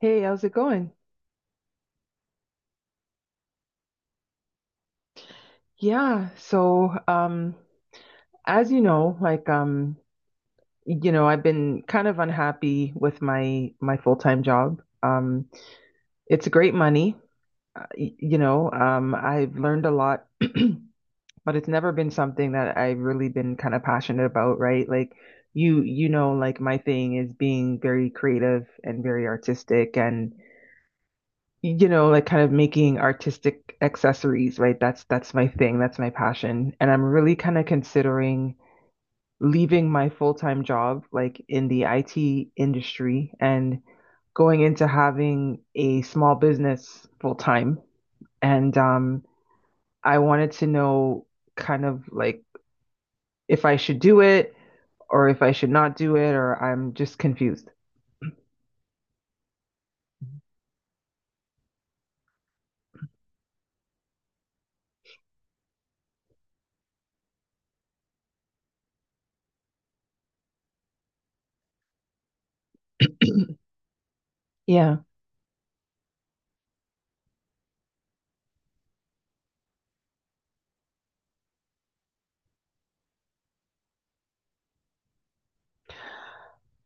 Hey, how's it going? Yeah, so as you know, I've been kind of unhappy with my full-time job. It's great money, I've learned a lot, but it's never been something that I've really been kind of passionate about, right? Like like my thing is being very creative and very artistic and like kind of making artistic accessories, right? That's my thing, that's my passion. And I'm really kind of considering leaving my full-time job like in the IT industry and going into having a small business full-time. And I wanted to know kind of like if I should do it or if I should not do it or I'm just confused. Yeah.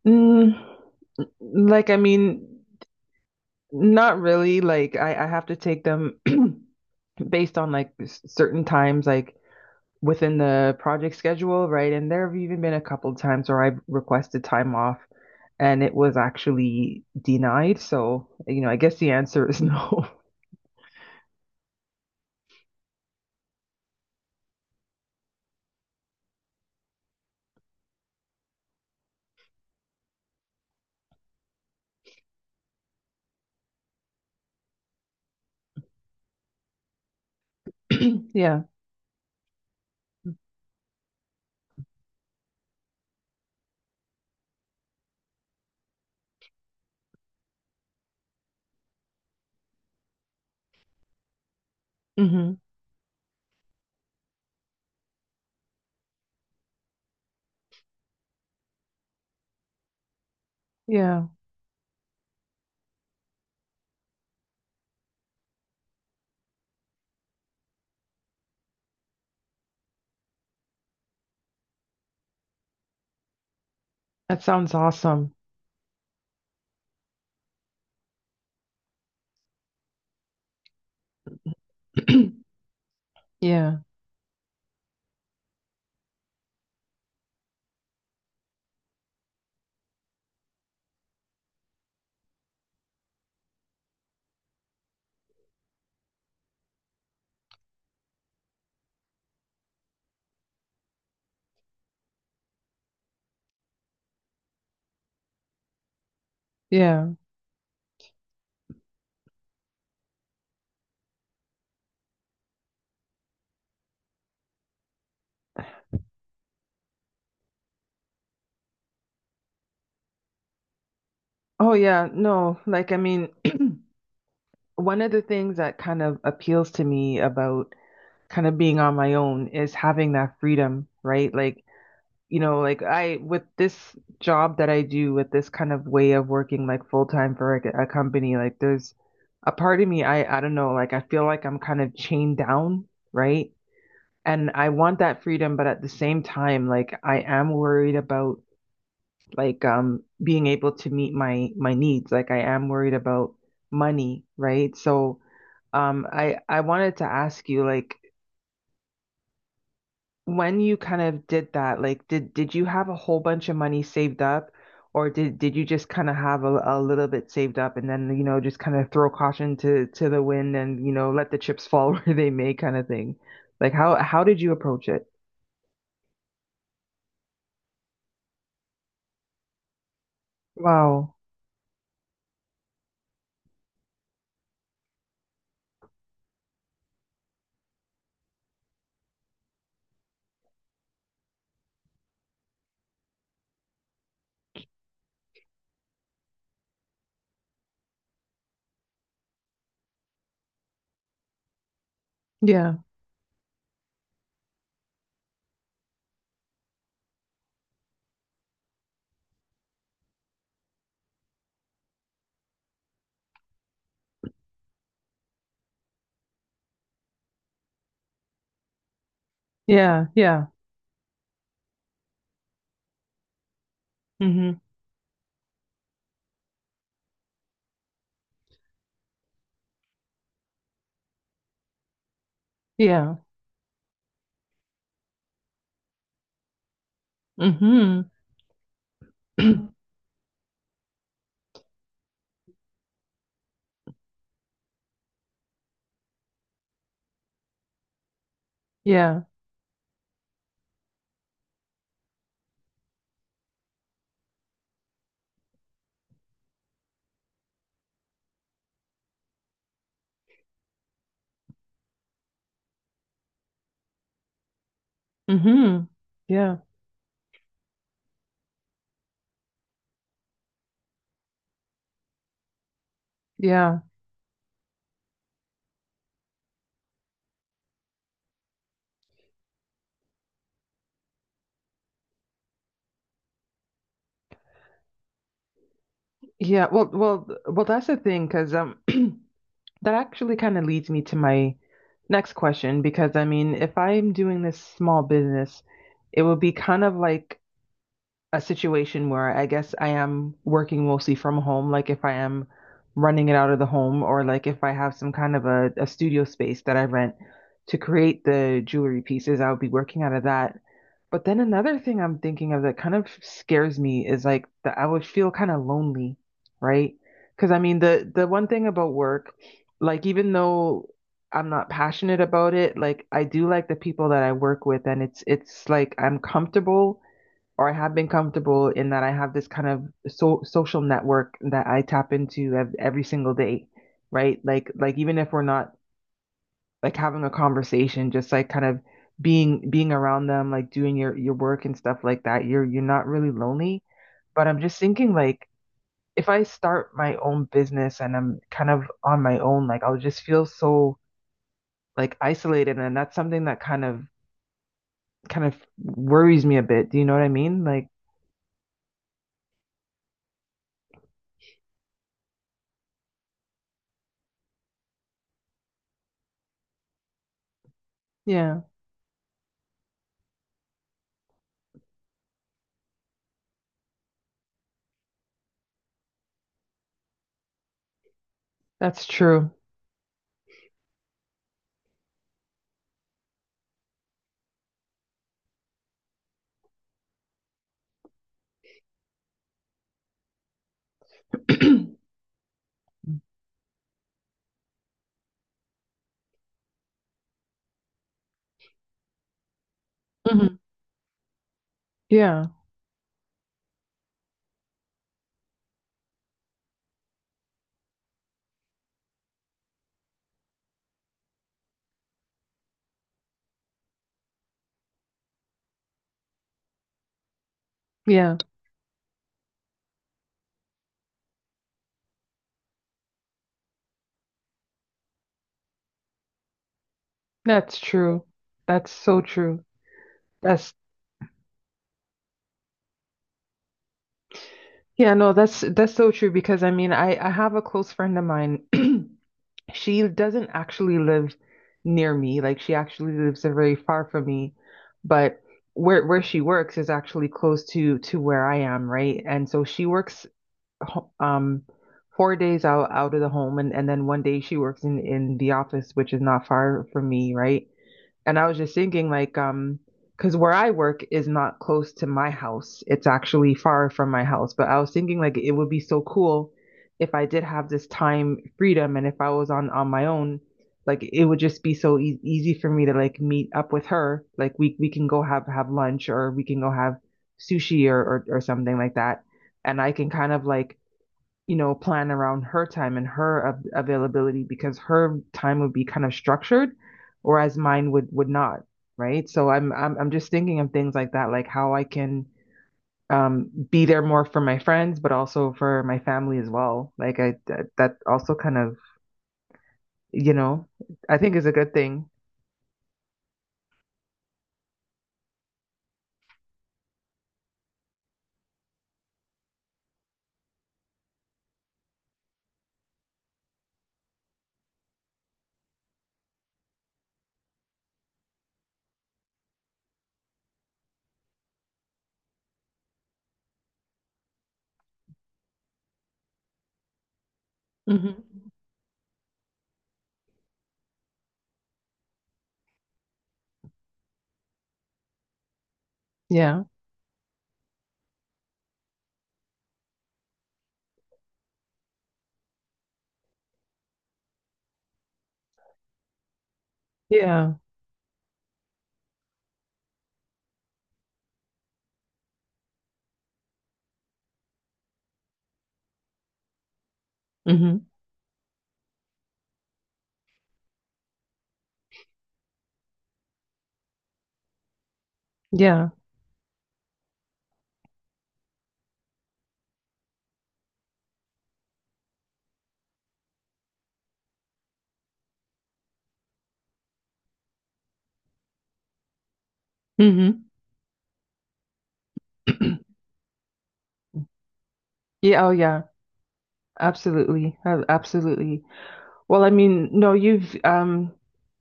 Mm, like I mean, not really. Like I have to take them based on like s- certain times, like within the project schedule, right? And there have even been a couple times where I've requested time off and it was actually denied. So, I guess the answer is no. Yeah. Hmm. Yeah. That sounds awesome. Yeah. Yeah. Oh, yeah. No, like, I mean, one of the things that kind of appeals to me about kind of being on my own is having that freedom, right? Like, like I with this job that I do with this kind of way of working like full time for like a company, like there's a part of me I don't know, like I feel like I'm kind of chained down, right? And I want that freedom, but at the same time, like I am worried about being able to meet my needs. Like I am worried about money, right? So I wanted to ask you like when you kind of did that, like did you have a whole bunch of money saved up, or did you just kind of have a little bit saved up and then just kind of throw caution to the wind and let the chips fall where they may kind of thing? Like how did you approach it? Wow. Yeah. Yeah. Yeah. Hmm. Yeah. Hmm. Yeah. Hmm. Yeah. Yeah. Yeah. Well, that's the thing, because that actually kind of leads me to my next question because I mean, if I'm doing this small business, it would be kind of like a situation where I guess I am working mostly from home, like if I am running it out of the home or like if I have some kind of a studio space that I rent to create the jewelry pieces, I would be working out of that. But then another thing I'm thinking of that kind of scares me is like that I would feel kind of lonely, right? Because I mean the one thing about work, like even though I'm not passionate about it, like I do like the people that I work with and it's like I'm comfortable or I have been comfortable in that I have this kind of so social network that I tap into ev- every single day, right? Like even if we're not like having a conversation, just like kind of being around them, like doing your work and stuff like that. You're not really lonely. But I'm just thinking like if I start my own business and I'm kind of on my own, like I'll just feel so like isolated and that's something that kind of worries me a bit. Do you know what I mean? Like, yeah, that's true. Mhm. Yeah, yeah, that's true. That's so true. That's yeah, no, that's so true because I mean, I have a close friend of mine. She doesn't actually live near me. Like she actually lives very far from me, but where she works is actually close to where I am, right? And so she works ho- um 4 days out of the home and then one day she works in the office, which is not far from me, right? And I was just thinking, like, because where I work is not close to my house. It's actually far from my house. But I was thinking, like, it would be so cool if I did have this time freedom and if I was on my own, like, it would just be so e easy for me to like meet up with her. Like, we can go have lunch or we can go have sushi or something like that. And I can kind of like plan around her time and her av- availability because her time would be kind of structured, whereas mine would not, right? So I'm just thinking of things like that, like how I can be there more for my friends, but also for my family as well. Like I that, that also kind of, you know, I think is a good thing. Hmm. Yeah. Yeah. Hmm. Yeah. Hmm. Yeah, oh yeah, absolutely. Absolutely. Well, I mean, no, you've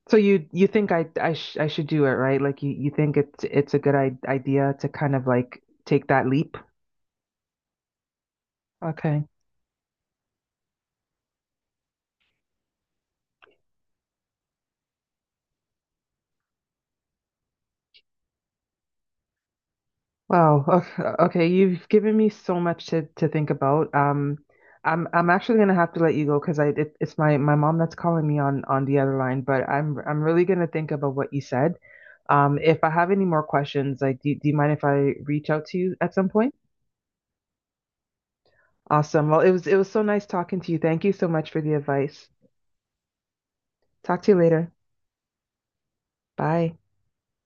so you think I should do it, right? Like you think it's a good I idea to kind of like take that leap. Okay. Wow. Okay, okay, you've given me so much to think about. I'm actually gonna have to let you go because I it, it's my mom that's calling me on the other line, but I'm really gonna think about what you said. If I have any more questions, like do you mind if I reach out to you at some point? Awesome. Well, it was so nice talking to you. Thank you so much for the advice. Talk to you later. Bye.